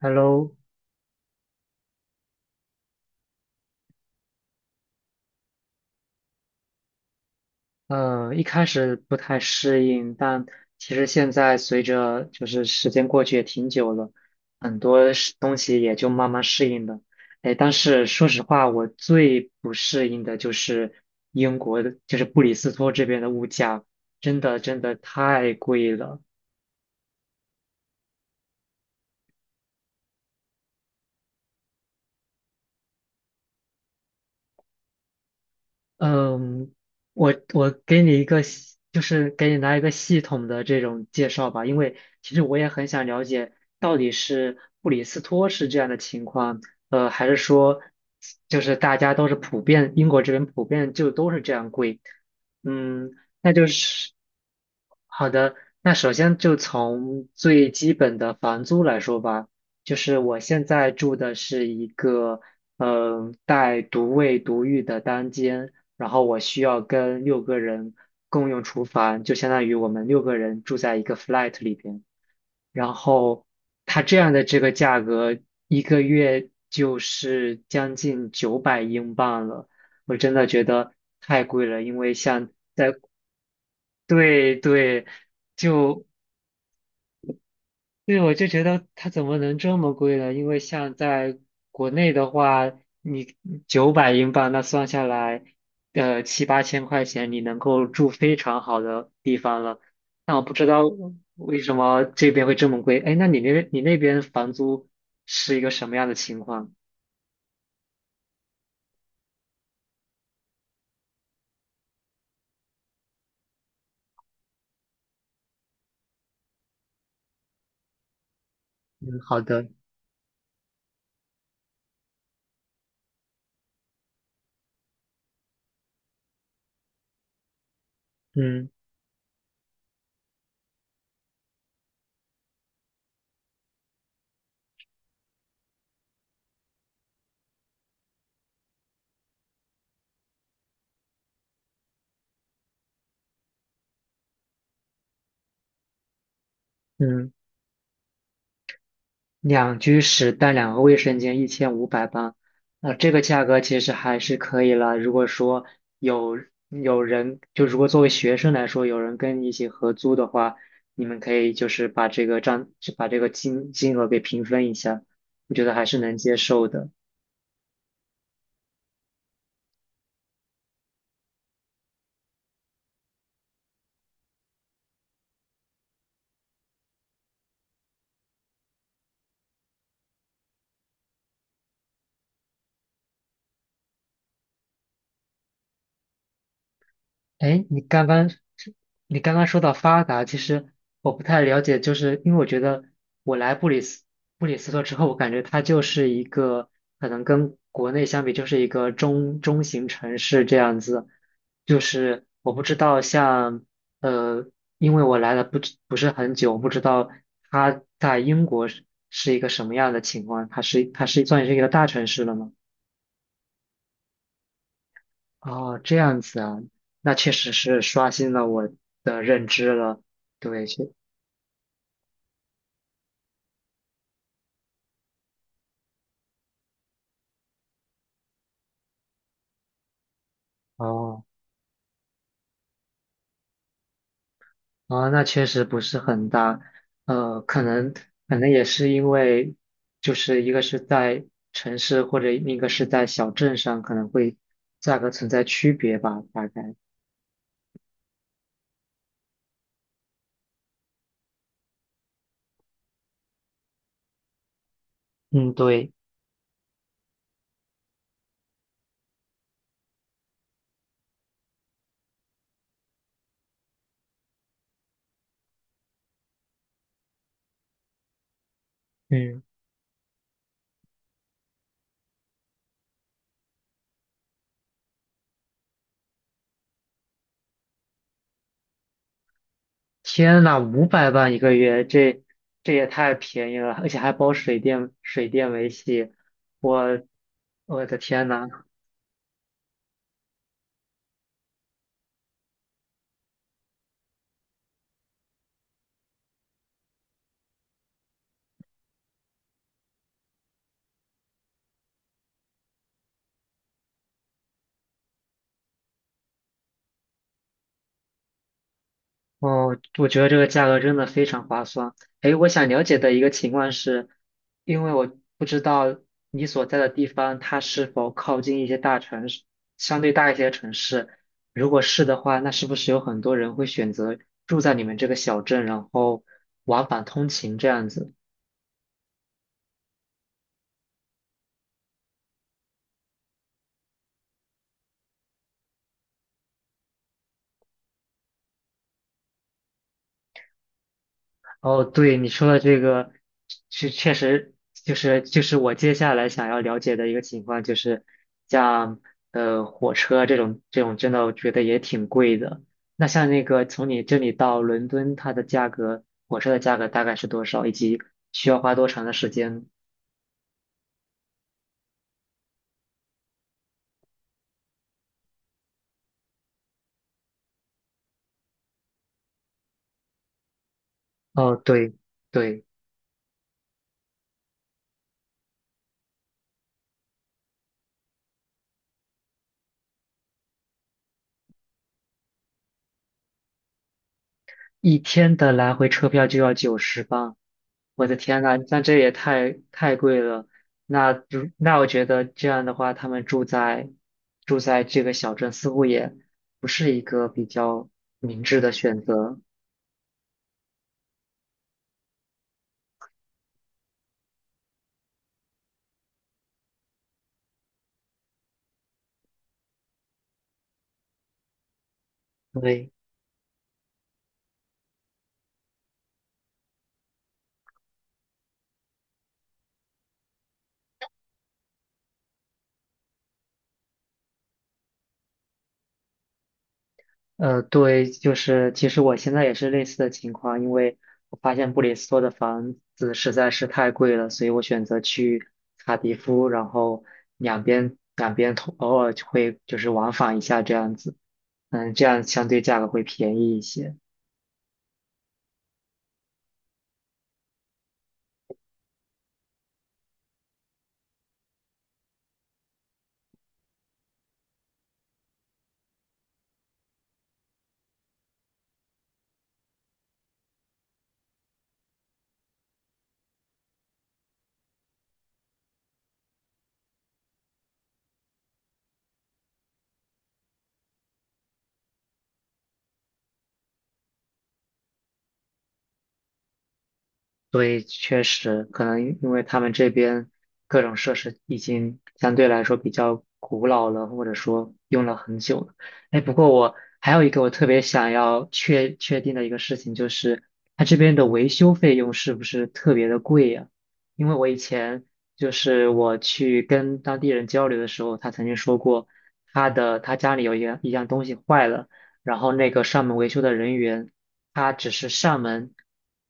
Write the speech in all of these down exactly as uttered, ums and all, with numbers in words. Hello，呃，一开始不太适应，但其实现在随着就是时间过去也挺久了，很多是东西也就慢慢适应了。哎，但是说实话，我最不适应的就是英国的，就是布里斯托这边的物价，真的真的太贵了。嗯，我我给你一个系，就是给你来一个系统的这种介绍吧，因为其实我也很想了解到底是布里斯托是这样的情况，呃，还是说就是大家都是普遍，英国这边普遍就都是这样贵。嗯，那就是好的。那首先就从最基本的房租来说吧，就是我现在住的是一个嗯、呃带独卫独浴的单间。然后我需要跟六个人共用厨房，就相当于我们六个人住在一个 flat 里边。然后它这样的这个价格，一个月就是将近九百英镑了，我真的觉得太贵了，因为像对对，就对，我就觉得它怎么能这么贵呢？因为像在国内的话，你九百英镑那算下来，呃，七八千块钱你能够住非常好的地方了。那我不知道为什么这边会这么贵。哎，那你那边你那边房租是一个什么样的情况？嗯，好的，嗯嗯。两居室带两个卫生间，一千五百八，呃，这个价格其实还是可以了。如果说有有人，就如果作为学生来说，有人跟你一起合租的话，你们可以就是把这个账，就把这个金金额给平分一下，我觉得还是能接受的。哎，你刚刚你刚刚说到发达，其实我不太了解，就是因为我觉得我来布里斯布里斯托之后，我感觉它就是一个可能跟国内相比，就是一个中中型城市这样子。就是我不知道像呃，因为我来了不知不是很久，我不知道它在英国是是一个什么样的情况，它是它是算是一个大城市了吗？哦，这样子啊，那确实是刷新了我的认知了。对，确，哦，啊，那确实不是很大，呃，可能可能也是因为，就是一个是在城市或者一个是在小镇上，可能会价格存在区别吧，大概。嗯，对，嗯，天呐，五百万一个月，这这也太便宜了，而且还包水电水电维系，我我的天呐！哦，我觉得这个价格真的非常划算。诶，我想了解的一个情况是，因为我不知道你所在的地方它是否靠近一些大城市，相对大一些的城市。如果是的话，那是不是有很多人会选择住在你们这个小镇，然后往返通勤这样子？哦，对，你说的这个，是确实就是就是我接下来想要了解的一个情况，就是像呃火车这种这种，真的我觉得也挺贵的。那像那个从你这里到伦敦，它的价格，火车的价格大概是多少，以及需要花多长的时间？哦，对对，一天的来回车票就要九十镑。我的天呐，那这也太太贵了。那就那我觉得这样的话，他们住在住在这个小镇似乎也不是一个比较明智的选择。对，呃，对，就是其实我现在也是类似的情况，因为我发现布里斯托的房子实在是太贵了，所以我选择去卡迪夫，然后两边两边通偶尔就会就是往返一下这样子，嗯，这样相对价格会便宜一些。所以确实可能因因为他们这边各种设施已经相对来说比较古老了，或者说用了很久了。哎，不过我还有一个我特别想要确确定的一个事情，就是它这边的维修费用是不是特别的贵呀？因为我以前就是我去跟当地人交流的时候，他曾经说过，他的他家里有一样一样东西坏了。然后那个上门维修的人员，他只是上门，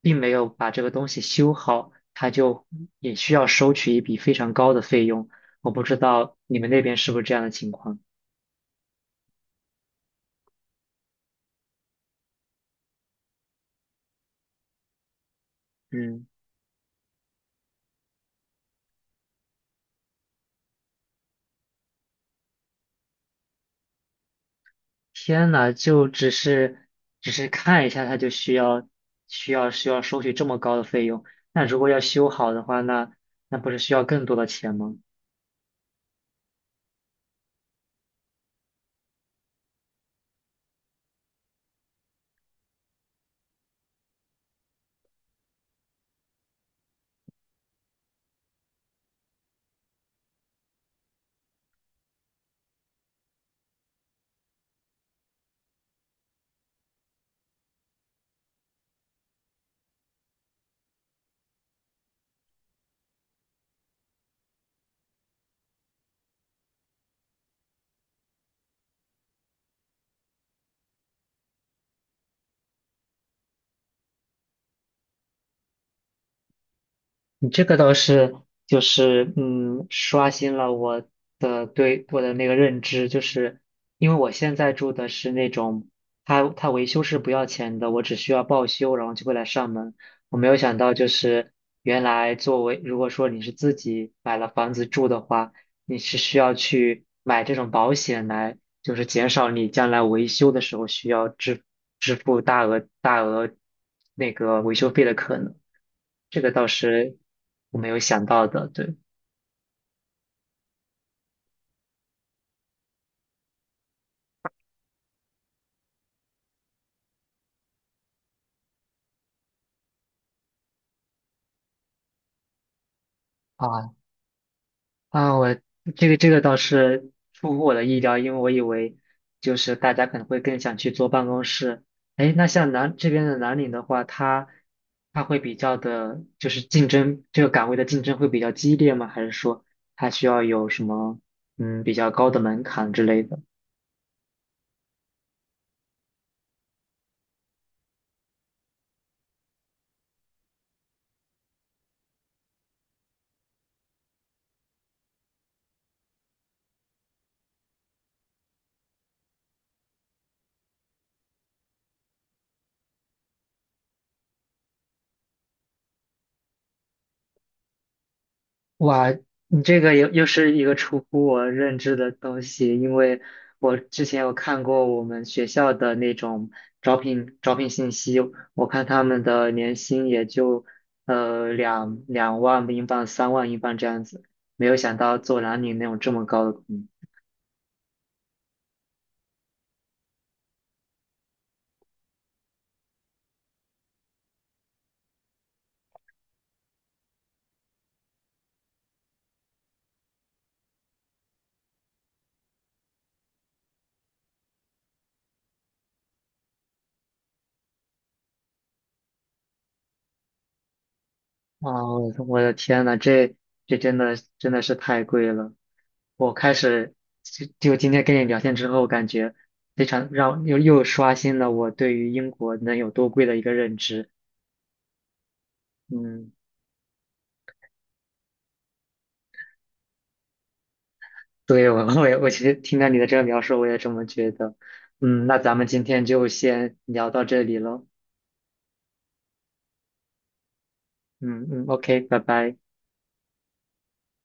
并没有把这个东西修好，他就也需要收取一笔非常高的费用。我不知道你们那边是不是这样的情况？嗯，天呐，就只是只是看一下，他就需要需要需要收取这么高的费用。那如果要修好的话，那那不是需要更多的钱吗？你这个倒是就是嗯，刷新了我的对我的那个认知，就是因为我现在住的是那种，它它维修是不要钱的，我只需要报修，然后就会来上门。我没有想到，就是原来作为如果说你是自己买了房子住的话，你是需要去买这种保险来。就是减少你将来维修的时候需要支支付大额大额那个维修费的可能。这个倒是我没有想到的，对。啊啊，我这个这个倒是出乎我的意料，因为我以为就是大家可能会更想去坐办公室。哎，那像南这边的南岭的话，它它会比较的，就是竞争这个岗位的竞争会比较激烈吗？还是说它需要有什么嗯比较高的门槛之类的？哇，你这个又又是一个出乎我认知的东西，因为我之前有看过我们学校的那种招聘招聘信息，我看他们的年薪也就呃两两万英镑、三万英镑这样子，没有想到做男女那种这么高的工资。啊，我的天呐，这这真的真的是太贵了。我开始就就今天跟你聊天之后，感觉非常让又又刷新了我对于英国能有多贵的一个认知。嗯，对，我我也我其实听到你的这个描述，我也这么觉得。嗯，那咱们今天就先聊到这里了。嗯嗯，OK，拜拜。